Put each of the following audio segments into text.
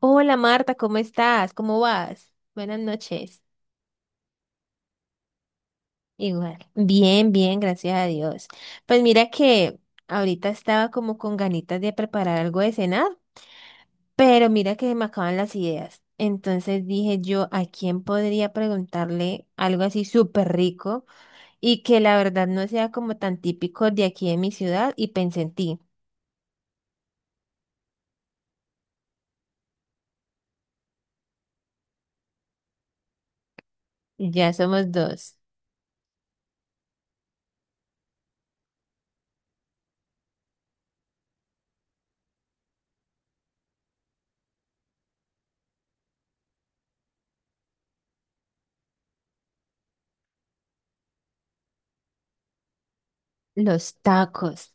Hola Marta, ¿cómo estás? ¿Cómo vas? Buenas noches. Igual. Bien, bien, gracias a Dios. Pues mira que ahorita estaba como con ganitas de preparar algo de cenar, pero mira que me acaban las ideas. Entonces dije yo, ¿a quién podría preguntarle algo así súper rico y que la verdad no sea como tan típico de aquí de mi ciudad? Y pensé en ti. Ya somos dos. Los tacos.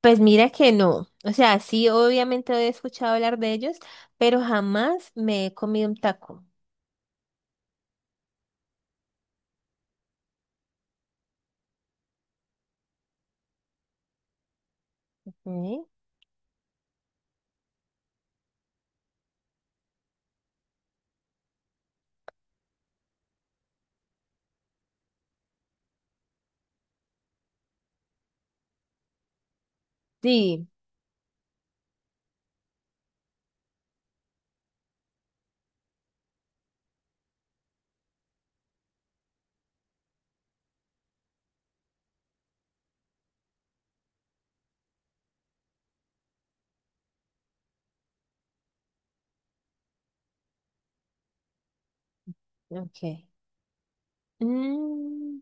Pues mira que no. O sea, sí, obviamente he escuchado hablar de ellos, pero jamás me he comido un taco. ¿Eh? Sí, ok. Mm,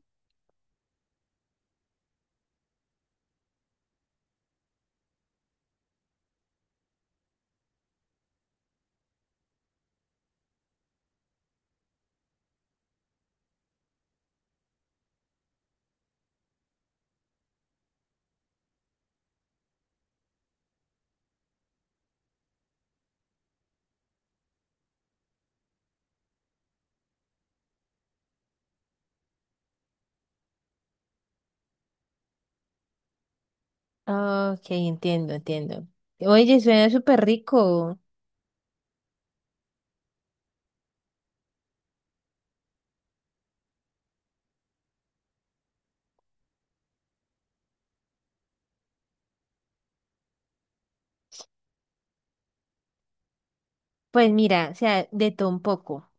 ok, entiendo, entiendo. Oye, suena súper rico. Pues mira, o sea, de todo un poco.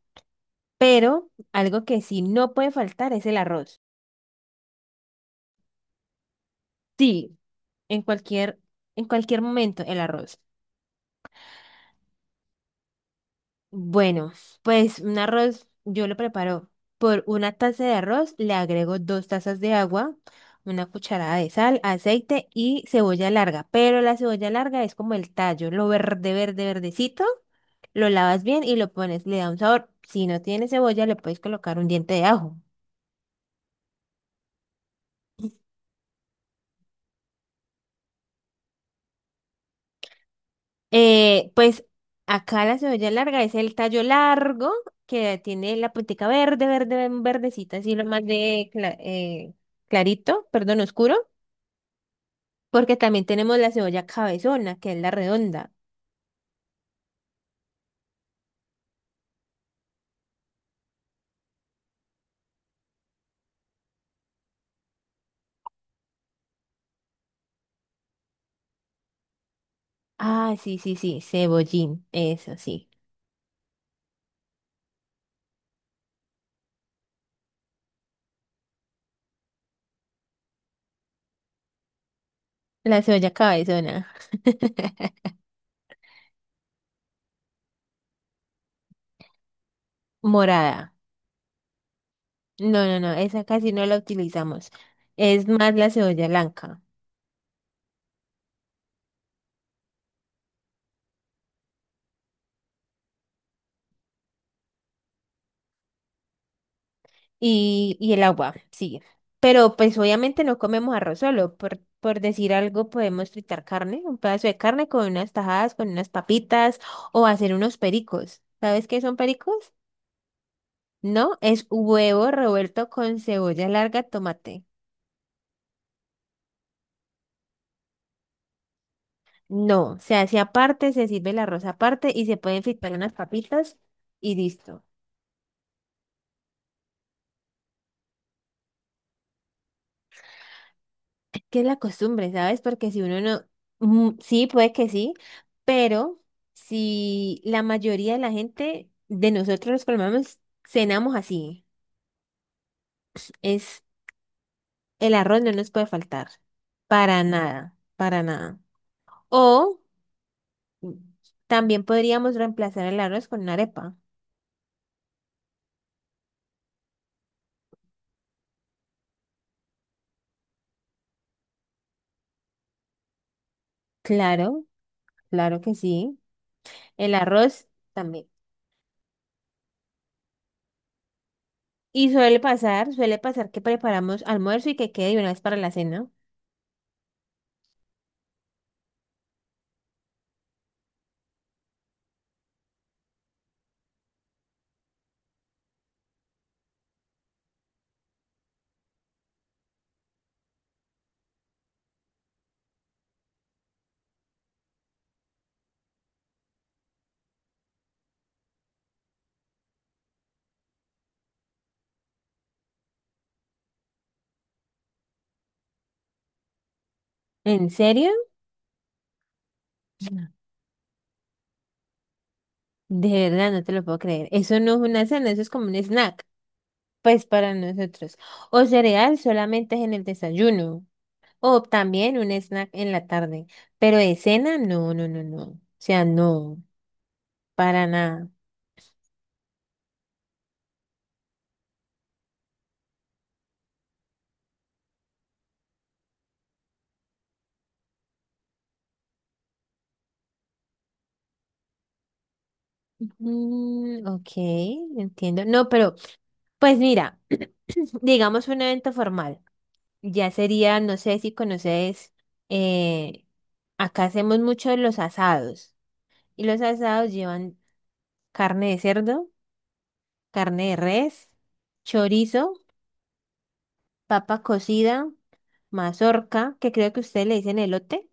Pero algo que sí no puede faltar es el arroz. Sí, en cualquier, en cualquier momento, el arroz. Bueno, pues un arroz yo lo preparo por 1 taza de arroz, le agrego 2 tazas de agua, 1 cucharada de sal, aceite y cebolla larga. Pero la cebolla larga es como el tallo, lo verde, verde, verdecito. Lo lavas bien y lo pones, le da un sabor. Si no tiene cebolla, le puedes colocar un diente de ajo. Pues acá la cebolla larga es el tallo largo que tiene la puntica verde, verde, verdecita, así lo más de clarito, perdón, oscuro. Porque también tenemos la cebolla cabezona, que es la redonda. Ah, sí, sí, sí, cebollín, eso sí. La cebolla cabezona, morada. No, no, no, esa casi no la utilizamos. Es más la cebolla blanca y el agua, sí. Pero pues obviamente no comemos arroz solo. Por decir algo, podemos fritar carne, un pedazo de carne con unas tajadas, con unas papitas o hacer unos pericos. ¿Sabes qué son pericos? No, es huevo revuelto con cebolla larga, tomate. No, se hace aparte, se sirve el arroz aparte y se pueden fritar unas papitas y listo. Que es la costumbre, ¿sabes? Porque si uno no, sí, puede que sí, pero si la mayoría de la gente de nosotros los colombianos cenamos así, es el arroz no nos puede faltar, para nada, para nada. O mm, también podríamos reemplazar el arroz con una arepa. Claro, claro que sí. El arroz también. Y suele pasar que preparamos almuerzo y que quede de una vez para la cena. ¿En serio? De verdad, no te lo puedo creer. Eso no es una cena, eso es como un snack, pues para nosotros. O cereal solamente es en el desayuno. O también un snack en la tarde. Pero de cena, no, no, no, no. O sea, no, para nada. Mm, ok, entiendo. No, pero, pues mira, digamos un evento formal. Ya sería, no sé si conoces, eh, acá hacemos mucho los asados. Y los asados llevan carne de cerdo, carne de res, chorizo, papa cocida, mazorca, que creo que ustedes le dicen elote,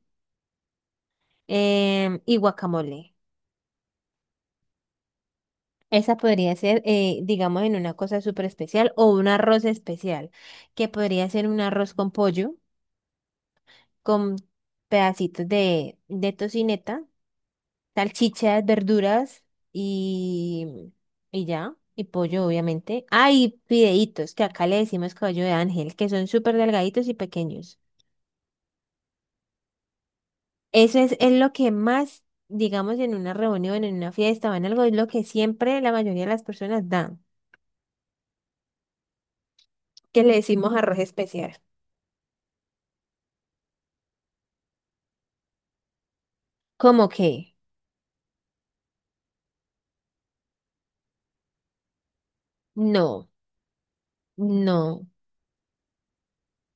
y guacamole. Esa podría ser, digamos, en una cosa súper especial o un arroz especial, que podría ser un arroz con pollo, con pedacitos de tocineta, salchichas, verduras y, y ya, y pollo, obviamente. Ah, y fideitos, que acá le decimos caballo de ángel, que son súper delgaditos y pequeños. Eso es lo que más, digamos, en una reunión, en una fiesta o en algo, es lo que siempre la mayoría de las personas dan, que le decimos arroz especial. ¿Cómo que? No, no. No,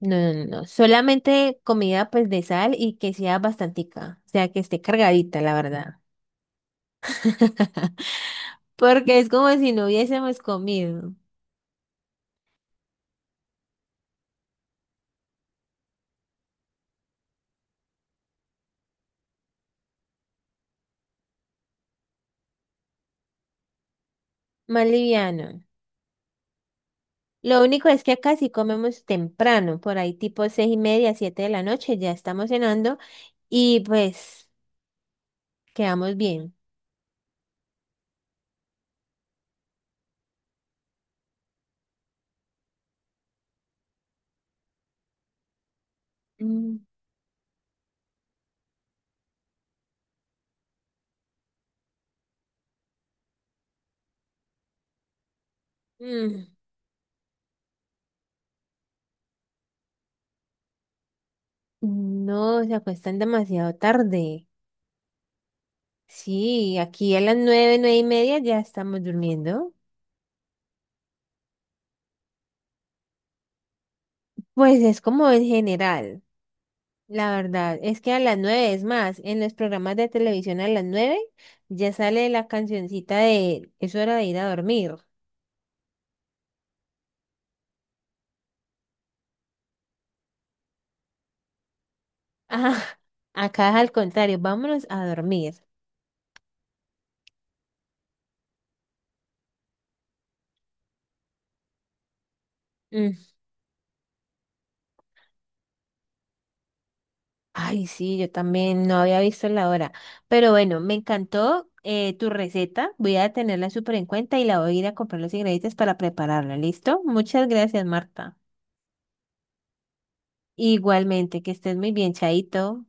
no, no, no. Solamente comida pues de sal y que sea bastantica, o sea que esté cargadita, la verdad. Porque es como si no hubiésemos comido. Más liviano. Lo único es que acá sí comemos temprano, por ahí tipo 6:30, 7 de la noche, ya estamos cenando y pues quedamos bien. Mm, mm. No, se acuestan demasiado tarde. Sí, aquí a las 9, 9:30 ya estamos durmiendo. Pues es como en general. La verdad es que a las 9, es más, en los programas de televisión a las 9 ya sale la cancioncita de es hora de ir a dormir. Ah, acá es al contrario, vámonos a dormir. Mm, ay, sí, yo también no había visto la hora. Pero bueno, me encantó tu receta. Voy a tenerla súper en cuenta y la voy a ir a comprar los ingredientes para prepararla. ¿Listo? Muchas gracias, Marta. Igualmente, que estés muy bien, Chaito.